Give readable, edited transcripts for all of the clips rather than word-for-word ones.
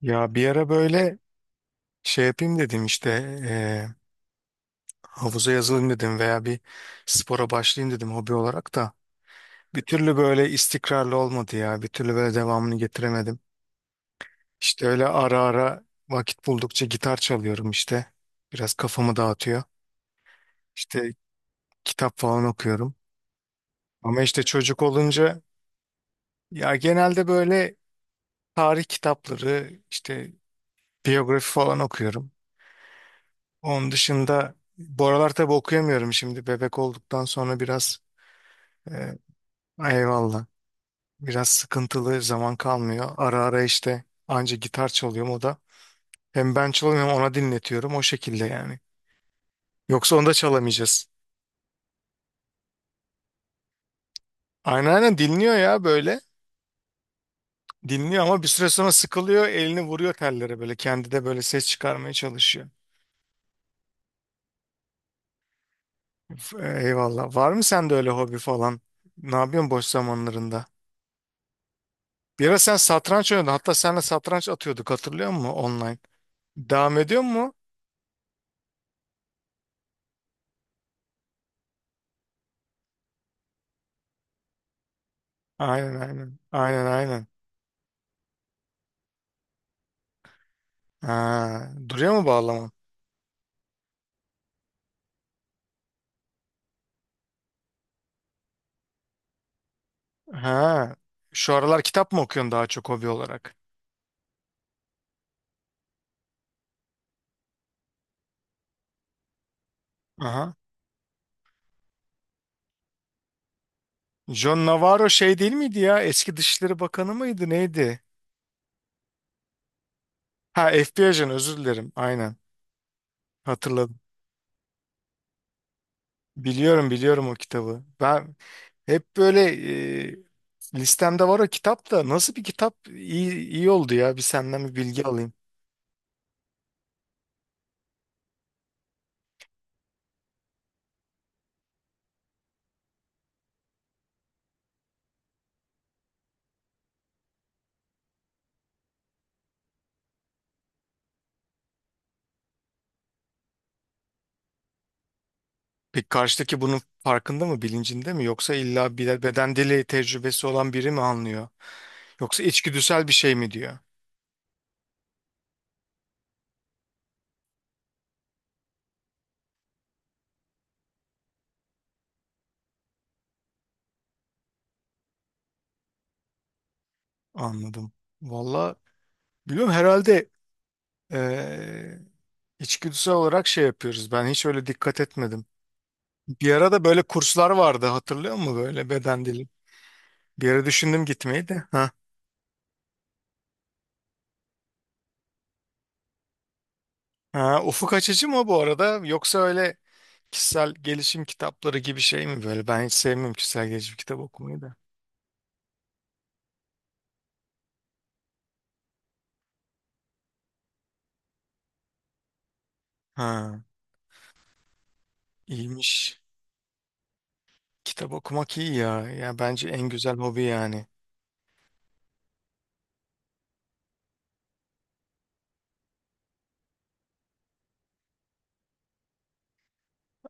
Ya bir ara böyle şey yapayım dedim işte eee, havuza yazılayım dedim veya bir spora başlayayım dedim hobi olarak da bir türlü böyle istikrarlı olmadı ya bir türlü böyle devamını getiremedim. İşte öyle ara ara vakit buldukça gitar çalıyorum işte biraz kafamı dağıtıyor işte kitap falan okuyorum ama işte çocuk olunca ya genelde böyle tarih kitapları işte biyografi falan okuyorum. Onun dışında bu aralar tabii okuyamıyorum şimdi. Bebek olduktan sonra biraz e, Eyvallah. Biraz sıkıntılı zaman kalmıyor. Ara ara işte anca gitar çalıyorum o da. Hem ben çalıyorum hem ona dinletiyorum o şekilde yani. Yoksa onu da çalamayacağız. Aynen aynen, dinliyor ya böyle. Dinliyor ama bir süre sonra sıkılıyor. Elini vuruyor tellere böyle. Kendi de böyle ses çıkarmaya çalışıyor. F- Eyvallah. Var mı sende öyle hobi falan? Ne yapıyorsun boş zamanlarında? Bir ara sen satranç oynadın. Hatta seninle satranç atıyorduk, hatırlıyor musun online? Devam ediyor mu? Aynen aynen. Aynen aynen. Ha, duruyor mu bağlamam? Ha, şu aralar kitap mı okuyorsun daha çok hobi olarak? Aha. John Navarro şey değil miydi ya? Eski Dışişleri Bakanı mıydı neydi? Ha, FBI ajanı, özür dilerim. Aynen. Hatırladım. Biliyorum biliyorum o kitabı. Ben hep böyle e, listemde var o kitap da. Nasıl bir kitap, iyi, iyi oldu ya. Bir senden bir bilgi alayım. Peki karşıdaki bunun farkında mı, bilincinde mi? Yoksa illa bir beden dili tecrübesi olan biri mi anlıyor? Yoksa içgüdüsel bir şey mi diyor? Anladım. Valla biliyorum herhalde eee içgüdüsel olarak şey yapıyoruz. Ben hiç öyle dikkat etmedim. Bir ara da böyle kurslar vardı, hatırlıyor musun, böyle beden dili? Bir ara düşündüm gitmeyi de. Ha. Ha, ufuk açıcı mı bu arada yoksa öyle kişisel gelişim kitapları gibi şey mi böyle? Ben hiç sevmiyorum kişisel gelişim kitabı okumayı da. Ha, iyiymiş. Kitap okumak iyi ya. Ya bence en güzel hobi yani.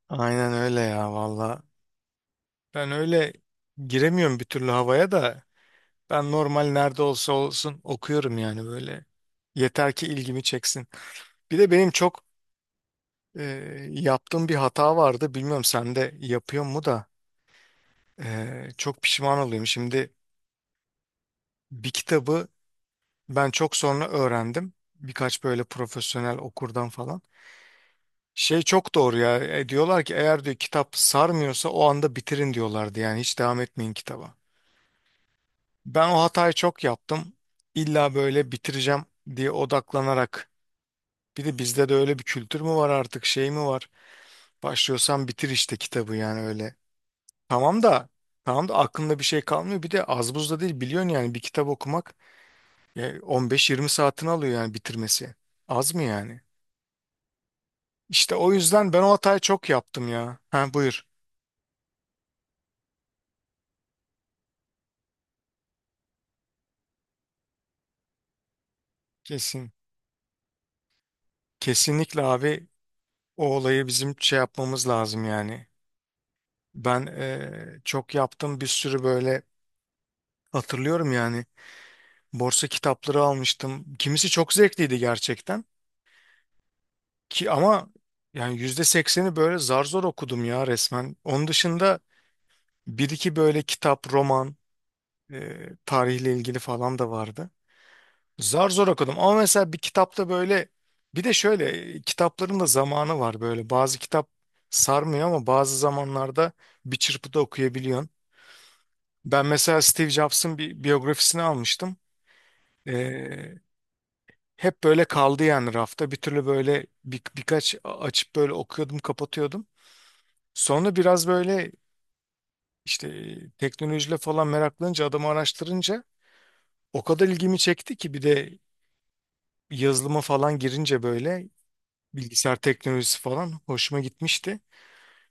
Aynen öyle ya valla. Ben öyle giremiyorum bir türlü havaya da. Ben normal nerede olsa olsun okuyorum yani böyle. Yeter ki ilgimi çeksin. Bir de benim çok e, yaptığım bir hata vardı. Bilmiyorum sen de yapıyor mu da. Çok pişman oluyorum. Şimdi bir kitabı Ben çok sonra öğrendim. Birkaç böyle profesyonel okurdan falan. Şey çok doğru ya. Diyorlar ki, eğer diyor kitap sarmıyorsa o anda bitirin diyorlardı. Yani hiç devam etmeyin kitaba. Ben o hatayı çok yaptım. İlla böyle bitireceğim diye odaklanarak. Bir de bizde de öyle bir kültür mü var artık, şey mi var? Başlıyorsan bitir işte kitabı yani öyle. Tamam da, tamam da aklında bir şey kalmıyor. Bir de az buz da değil biliyorsun, yani bir kitap okumak 15-20 saatini alıyor yani bitirmesi. Az mı yani? İşte o yüzden ben o hatayı çok yaptım ya. Ha, buyur. Kesin. Kesinlikle abi, o olayı bizim şey yapmamız lazım yani. Ben çok yaptım bir sürü böyle, hatırlıyorum yani. Borsa kitapları almıştım. Kimisi çok zevkliydi gerçekten. Ki ama yani %80'i böyle zar zor okudum ya resmen. Onun dışında bir iki böyle kitap, roman, tarihle ilgili falan da vardı. Zar zor okudum ama mesela bir kitapta böyle, bir de şöyle kitapların da zamanı var böyle. Bazı kitap sarmıyor ama bazı zamanlarda bir çırpıda okuyabiliyorsun. Ben mesela Steve Jobs'ın bir biyografisini almıştım. Ee, Hep böyle kaldı yani rafta, bir türlü böyle birkaç açıp böyle okuyordum kapatıyordum. Sonra biraz böyle işte teknolojiyle falan meraklanınca, adamı araştırınca o kadar ilgimi çekti ki, bir de yazılıma falan girince böyle bilgisayar teknolojisi falan hoşuma gitmişti.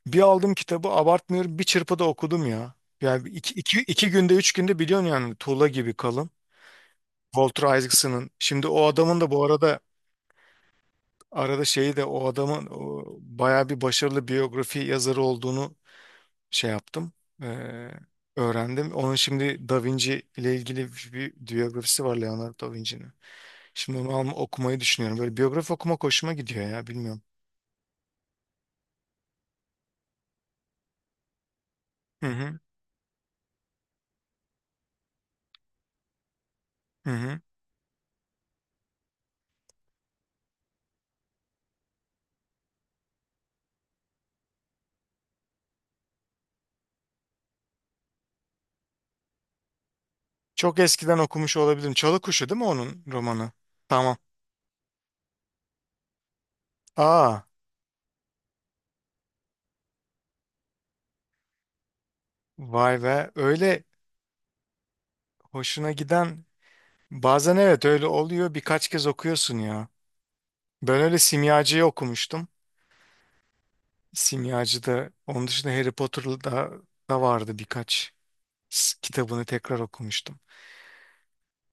Bir aldım kitabı, abartmıyorum, bir çırpıda okudum ya. Yani 2 günde 3 günde, biliyorsun yani, tuğla gibi kalın. Walter Isaacson'ın. Şimdi o adamın da bu arada şeyi de, o adamın o bayağı bir başarılı biyografi yazarı olduğunu şey yaptım. Ee, Öğrendim. Onun şimdi Da Vinci ile ilgili bir biyografisi var, Leonardo Da Vinci'nin. Şimdi onu okumayı düşünüyorum. Böyle biyografi okumak hoşuma gidiyor ya, bilmiyorum. Hı hı. Hı hı. Çok eskiden okumuş olabilirim. Çalı Kuşu değil mi onun romanı? Tamam. Aa, vay be. Öyle hoşuna giden, bazen evet öyle oluyor. Birkaç kez okuyorsun ya. Ben öyle Simyacı'yı okumuştum. Simyacı'da, onun dışında Harry Potter'da da vardı, birkaç kitabını tekrar okumuştum.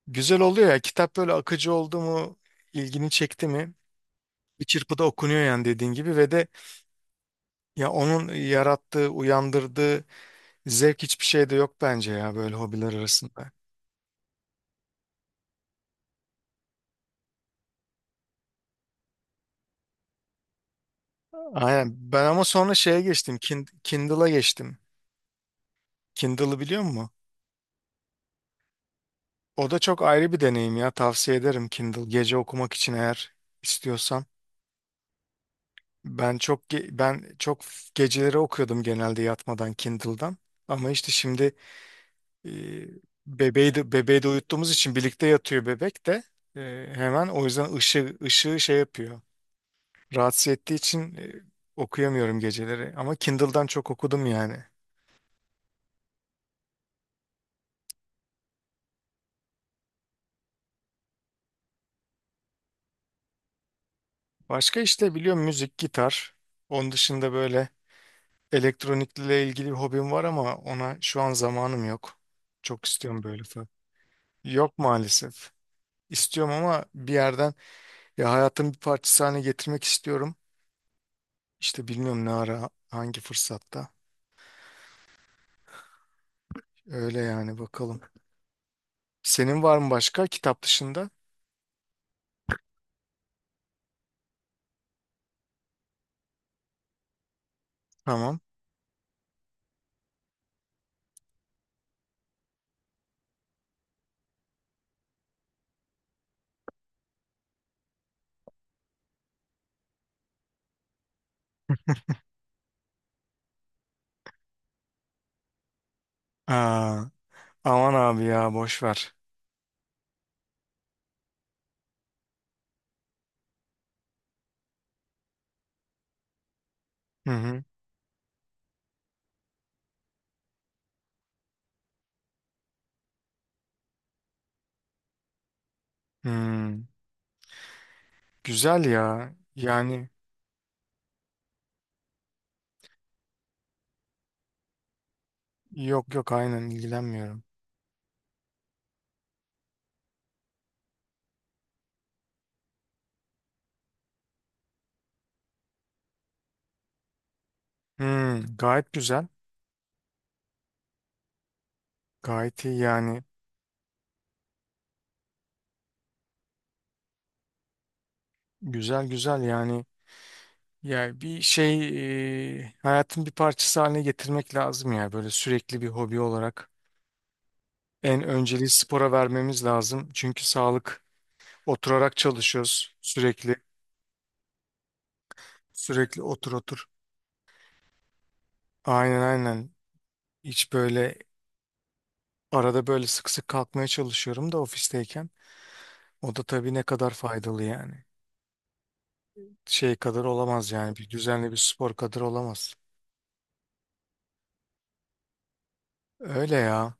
Güzel oluyor ya kitap, böyle akıcı oldu mu, ilgini çekti mi bir çırpıda okunuyor yani, dediğin gibi. Ve de ya onun yarattığı, uyandırdığı zevk, hiçbir şey de yok bence ya böyle hobiler arasında. Aynen. Ben ama sonra şeye geçtim. Kindle'a geçtim. Kindle'ı biliyor musun? O da çok ayrı bir deneyim ya. Tavsiye ederim Kindle. Gece okumak için eğer istiyorsan. Ben çok geceleri okuyordum genelde yatmadan Kindle'dan. Ama işte şimdi e, bebeği de uyuttuğumuz için birlikte yatıyor bebek de. E, Hemen o yüzden ışığı şey yapıyor. Rahatsız ettiği için okuyamıyorum geceleri. Ama Kindle'dan çok okudum yani. Başka işte biliyorum, müzik, gitar. Onun dışında böyle elektronikle ilgili bir hobim var ama ona şu an zamanım yok. Çok istiyorum böyle falan. Yok maalesef. İstiyorum ama bir yerden, ya hayatın bir parçası haline getirmek istiyorum. İşte bilmiyorum ne ara, hangi fırsatta. Öyle yani, bakalım. Senin var mı başka, kitap dışında? Tamam. Aa, aman abi ya, boş ver. Hı hı. Hmm. Güzel ya. Yani yok yok, aynen ilgilenmiyorum. Hmm, gayet güzel. Gayet iyi yani. Güzel güzel yani. Ya bir şey hayatın bir parçası haline getirmek lazım ya. Böyle sürekli bir hobi olarak. En önceliği spora vermemiz lazım. Çünkü sağlık, oturarak çalışıyoruz sürekli. Sürekli otur otur. Aynen aynen. Hiç böyle arada böyle sık sık kalkmaya çalışıyorum da ofisteyken. O da tabii ne kadar faydalı yani. Şey kadar olamaz yani, bir düzenli bir spor kadar olamaz. Öyle ya.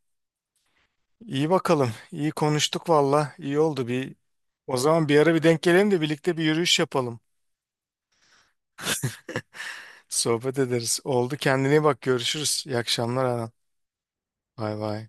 İyi, bakalım. İyi konuştuk valla. İyi oldu bir. O zaman bir ara bir denk gelelim de birlikte bir yürüyüş yapalım. Sohbet ederiz. Oldu, kendine iyi bak, görüşürüz. İyi akşamlar Aran. Bay bay.